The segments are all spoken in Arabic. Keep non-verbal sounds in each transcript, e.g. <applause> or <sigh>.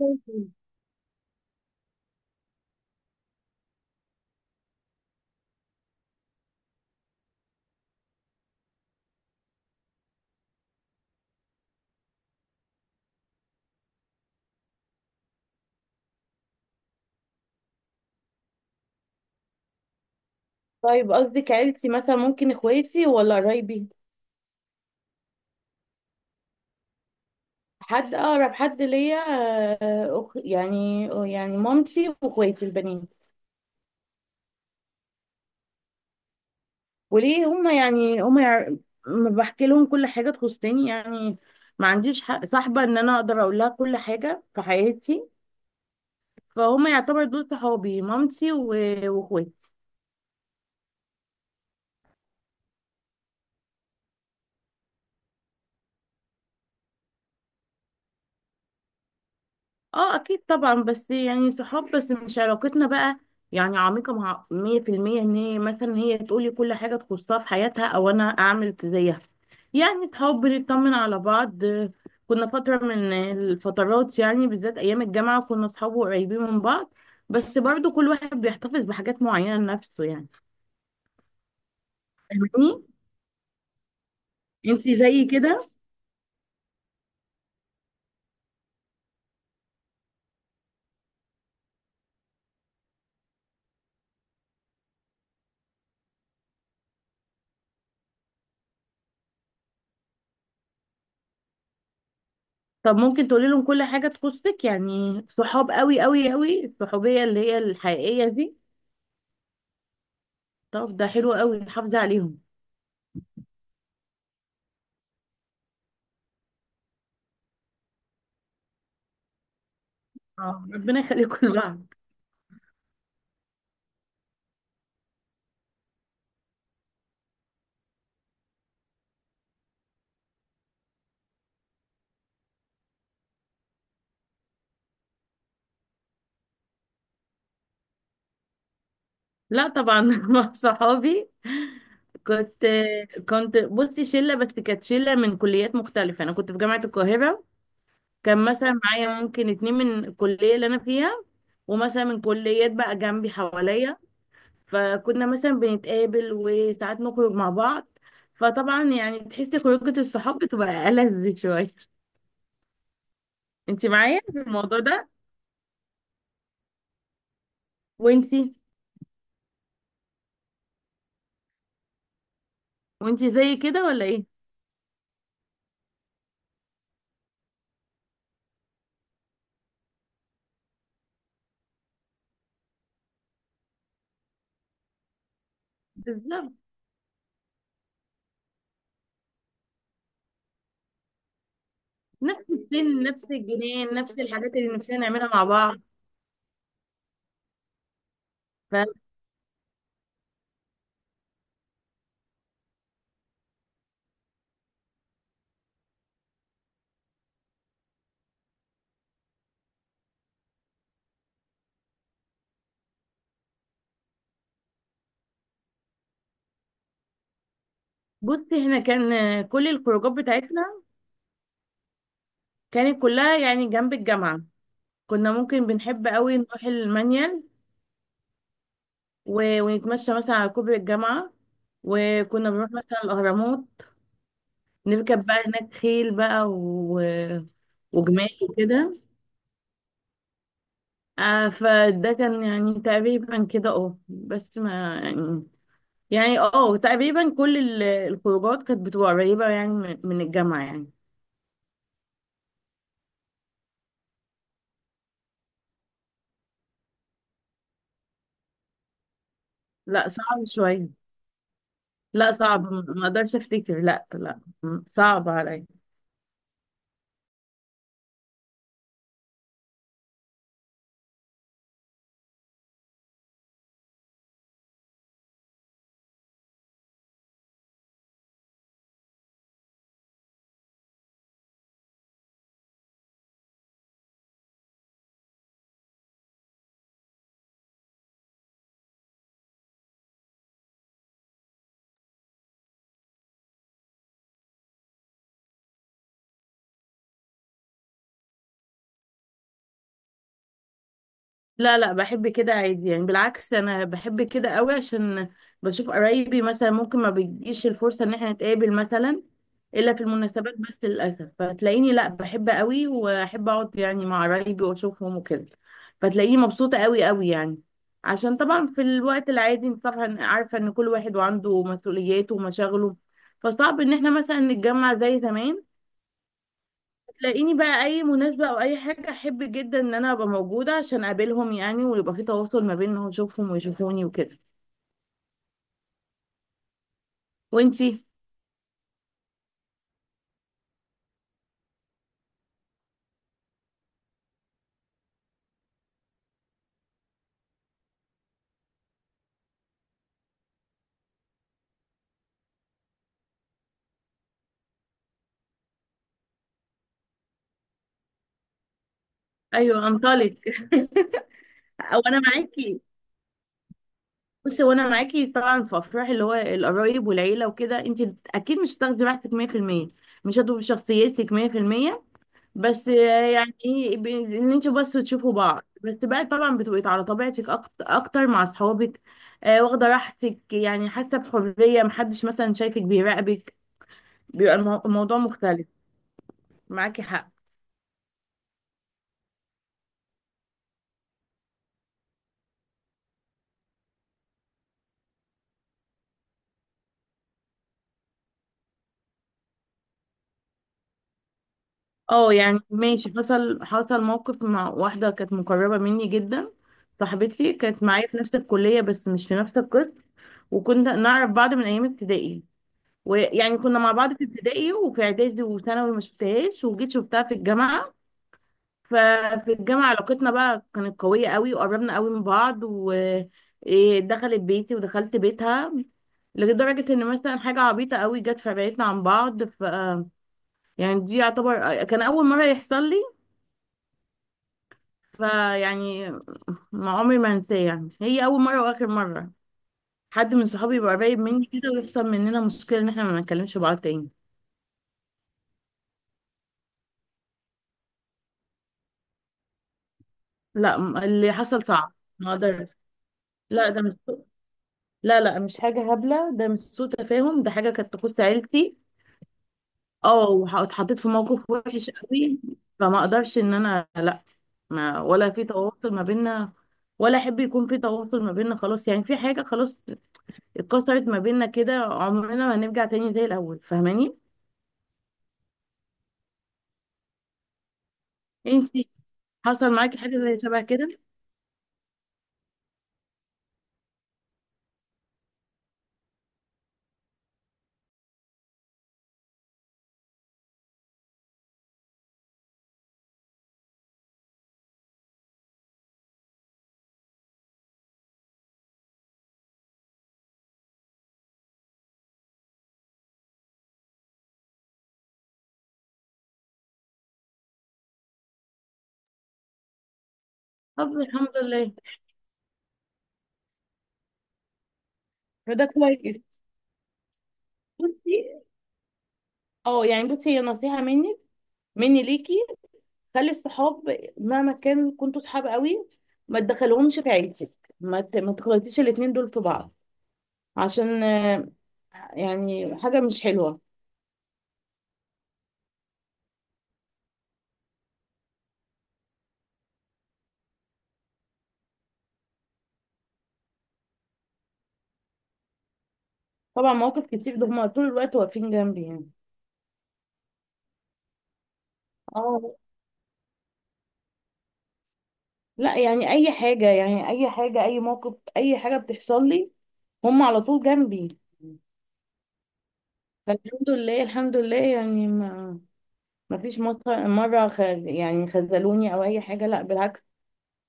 ممكن. طيب، قصدك عيلتي مثلا، ممكن اخواتي ولا قرايبي؟ حد اقرب حد ليا؟ آه، أخ- يعني يعني مامتي واخواتي البنين. وليه هما يعني هما يع- م- بحكي لهم كل حاجه تخصني يعني. ما عنديش حق صاحبه ان انا اقدر اقول لها كل حاجه في حياتي. فهم يعتبر دول صحابي، مامتي واخواتي. اه اكيد طبعا، بس يعني صحاب، بس مش علاقتنا بقى يعني عميقة مع مية في المية ان هي مثلا هي تقولي كل حاجة تخصها في حياتها او انا اعمل زيها. يعني صحاب بنطمن على بعض. كنا فترة من الفترات يعني بالذات ايام الجامعة، كنا صحاب قريبين من بعض، بس برضو كل واحد بيحتفظ بحاجات معينة لنفسه يعني. فاهماني؟ انتي زي كده؟ طب ممكن تقولي لهم كل حاجة تخصك؟ يعني صحاب قوي قوي قوي، الصحوبية اللي هي الحقيقية دي. طب ده حلو قوي، حافظي عليهم. اه، ربنا يخليكم <laughs> لبعض. لا طبعا <laughs> مع صحابي. كنت كنت بصي شله، بس كانت شله من كليات مختلفه. انا كنت في جامعه القاهره. كان مثلا معايا ممكن اتنين من الكليه اللي انا فيها، ومثلا من كليات بقى جنبي حواليا. فكنا مثلا بنتقابل وساعات نخرج مع بعض. فطبعا يعني تحسي خروجه الصحاب بتبقى <laughs> ألذ شويه. انت معايا في الموضوع ده؟ وانتي وانتي زي كده ولا ايه؟ بالظبط. نفس السن، نفس الجنان، نفس الحاجات اللي نفسنا نعملها مع بعض. فبص، هنا كان كل الخروجات بتاعتنا كانت كلها يعني جنب الجامعة. كنا ممكن بنحب قوي نروح المانيال، ونتمشى مثلا على كوبري الجامعة، وكنا بنروح مثلا الأهرامات، نركب بقى هناك خيل بقى وجمال وكده. فده كان يعني تقريبا كده، بس ما يعني، يعني تقريبا كل الخروجات كانت بتبقى قريبة يعني من الجامعة يعني. لا صعب شوية. لا صعب، ما اقدرش افتكر. لا لا، صعب عليا. لا لا، بحب كده عادي يعني. بالعكس انا بحب كده قوي، عشان بشوف قرايبي مثلا، ممكن ما بتجيش الفرصة ان احنا نتقابل مثلا الا في المناسبات بس للاسف. فتلاقيني لا، بحب قوي واحب اقعد يعني مع قرايبي واشوفهم وكده. فتلاقيني مبسوطة قوي قوي يعني. عشان طبعا في الوقت العادي انت طبعا عارفة ان كل واحد وعنده مسؤولياته ومشاغله، فصعب ان احنا مثلا نتجمع زي زمان. تلاقيني بقى اي مناسبة او اي حاجة، احب جدا ان انا ابقى موجودة عشان اقابلهم يعني، ويبقى في تواصل ما بينهم، اشوفهم ويشوفوني وكده. وانتي؟ ايوه انطلق <laughs> او انا معاكي. بصي، وانا معاكي طبعا. في افراح اللي هو القرايب والعيله وكده، انت اكيد مش هتاخدي راحتك 100%، مش هتبقي شخصيتك 100%. بس يعني ايه، ان انتوا بس تشوفوا بعض بس بقى، طبعا بتبقي على طبيعتك اكتر مع اصحابك. آه، واخده راحتك يعني، حاسه بحريه، محدش مثلا شايفك بيراقبك. بيبقى الموضوع مختلف. معاكي حق. اه يعني ماشي. حصل موقف مع واحدة كانت مقربة مني جدا. صاحبتي كانت معايا في نفس الكلية بس مش في نفس القسم. وكنا نعرف بعض من أيام ابتدائي، ويعني كنا مع بعض في ابتدائي وفي إعدادي، وثانوي ما شفتهاش وجيت شفتها في الجامعة. ففي الجامعة علاقتنا بقى كانت قوية قوي، وقربنا قوي من بعض، ودخلت بيتي ودخلت بيتها. لدرجة ان مثلا حاجة عبيطة قوي جت في بعيدنا عن بعض. يعني دي يعتبر، كان أول مرة يحصل لي. فيعني ما عمري ما هنساه يعني. هي أول مرة وآخر مرة حد من صحابي يبقى قريب مني كده ويحصل مننا مشكلة إن إحنا ما نتكلمش بعض تاني. لا، اللي حصل صعب. ما أقدر. لا ده مش لا لا، مش حاجة هبلة، ده مش سوء تفاهم، ده حاجة كانت تخص عيلتي. اه اتحطيت في موقف وحش قوي. فما أقدرش إن أنا لا ما، ولا في تواصل ما بيننا، ولا أحب يكون في تواصل ما بيننا. خلاص يعني، في حاجة خلاص اتكسرت ما بيننا، كده عمرنا ما هنرجع تاني زي الاول. فاهماني؟ انتي حصل معاكي حاجه زي شبه كده؟ طب الحمد لله، فده كويس. بصي، اه يعني، بصي هي نصيحه مني ليكي. خلي الصحاب مهما كان كنتوا صحاب قوي، ما تدخلهمش في عيلتك، ما تخلطيش الاتنين دول في بعض، عشان يعني حاجه مش حلوه. طبعا مواقف كتير، ده هما طول الوقت واقفين جنبي يعني. اه لا، يعني اي حاجة، يعني اي حاجة، اي موقف، اي حاجة بتحصل لي، هم على طول جنبي. فالحمد لله الحمد لله يعني، ما ما فيش مصر- مرة خ- يعني خذلوني او اي حاجة، لا بالعكس.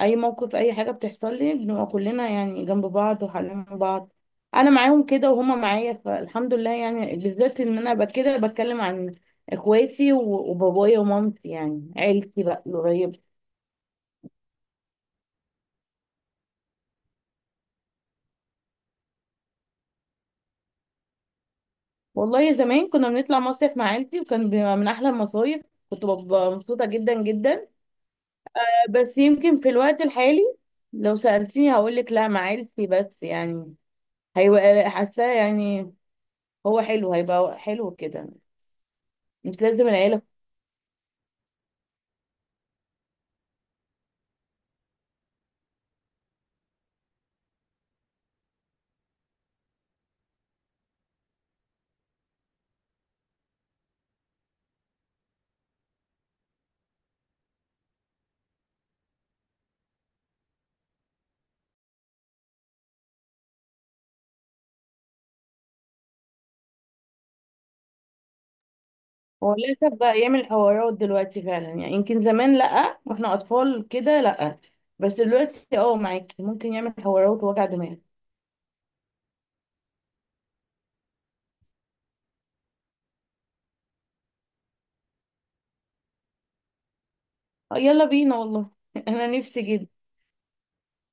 اي موقف اي حاجة بتحصل لي، بنبقى كلنا يعني جنب بعض وحالين بعض. انا معاهم كده وهم معايا. فالحمد لله يعني، بالذات ان انا بقى كده بتكلم عن اخواتي وبابايا ومامتي، يعني عيلتي بقى القريبة. والله زمان كنا بنطلع مصيف مع عيلتي، وكان بيبقى من احلى المصايف. كنت ببقى مبسوطه جدا جدا. بس يمكن في الوقت الحالي لو سالتيني هقول لك لا، مع عيلتي بس يعني، هيبقى حاساه يعني، هو حلو، هيبقى حلو كده، مش لازم العيله. هو للاسف بقى يعمل حوارات دلوقتي فعلا يعني. يمكن زمان لا، واحنا اطفال كده لا، بس دلوقتي معاكي ممكن يعمل حوارات ووجع دماغ. آه، يلا بينا والله. <laughs> انا نفسي جدا.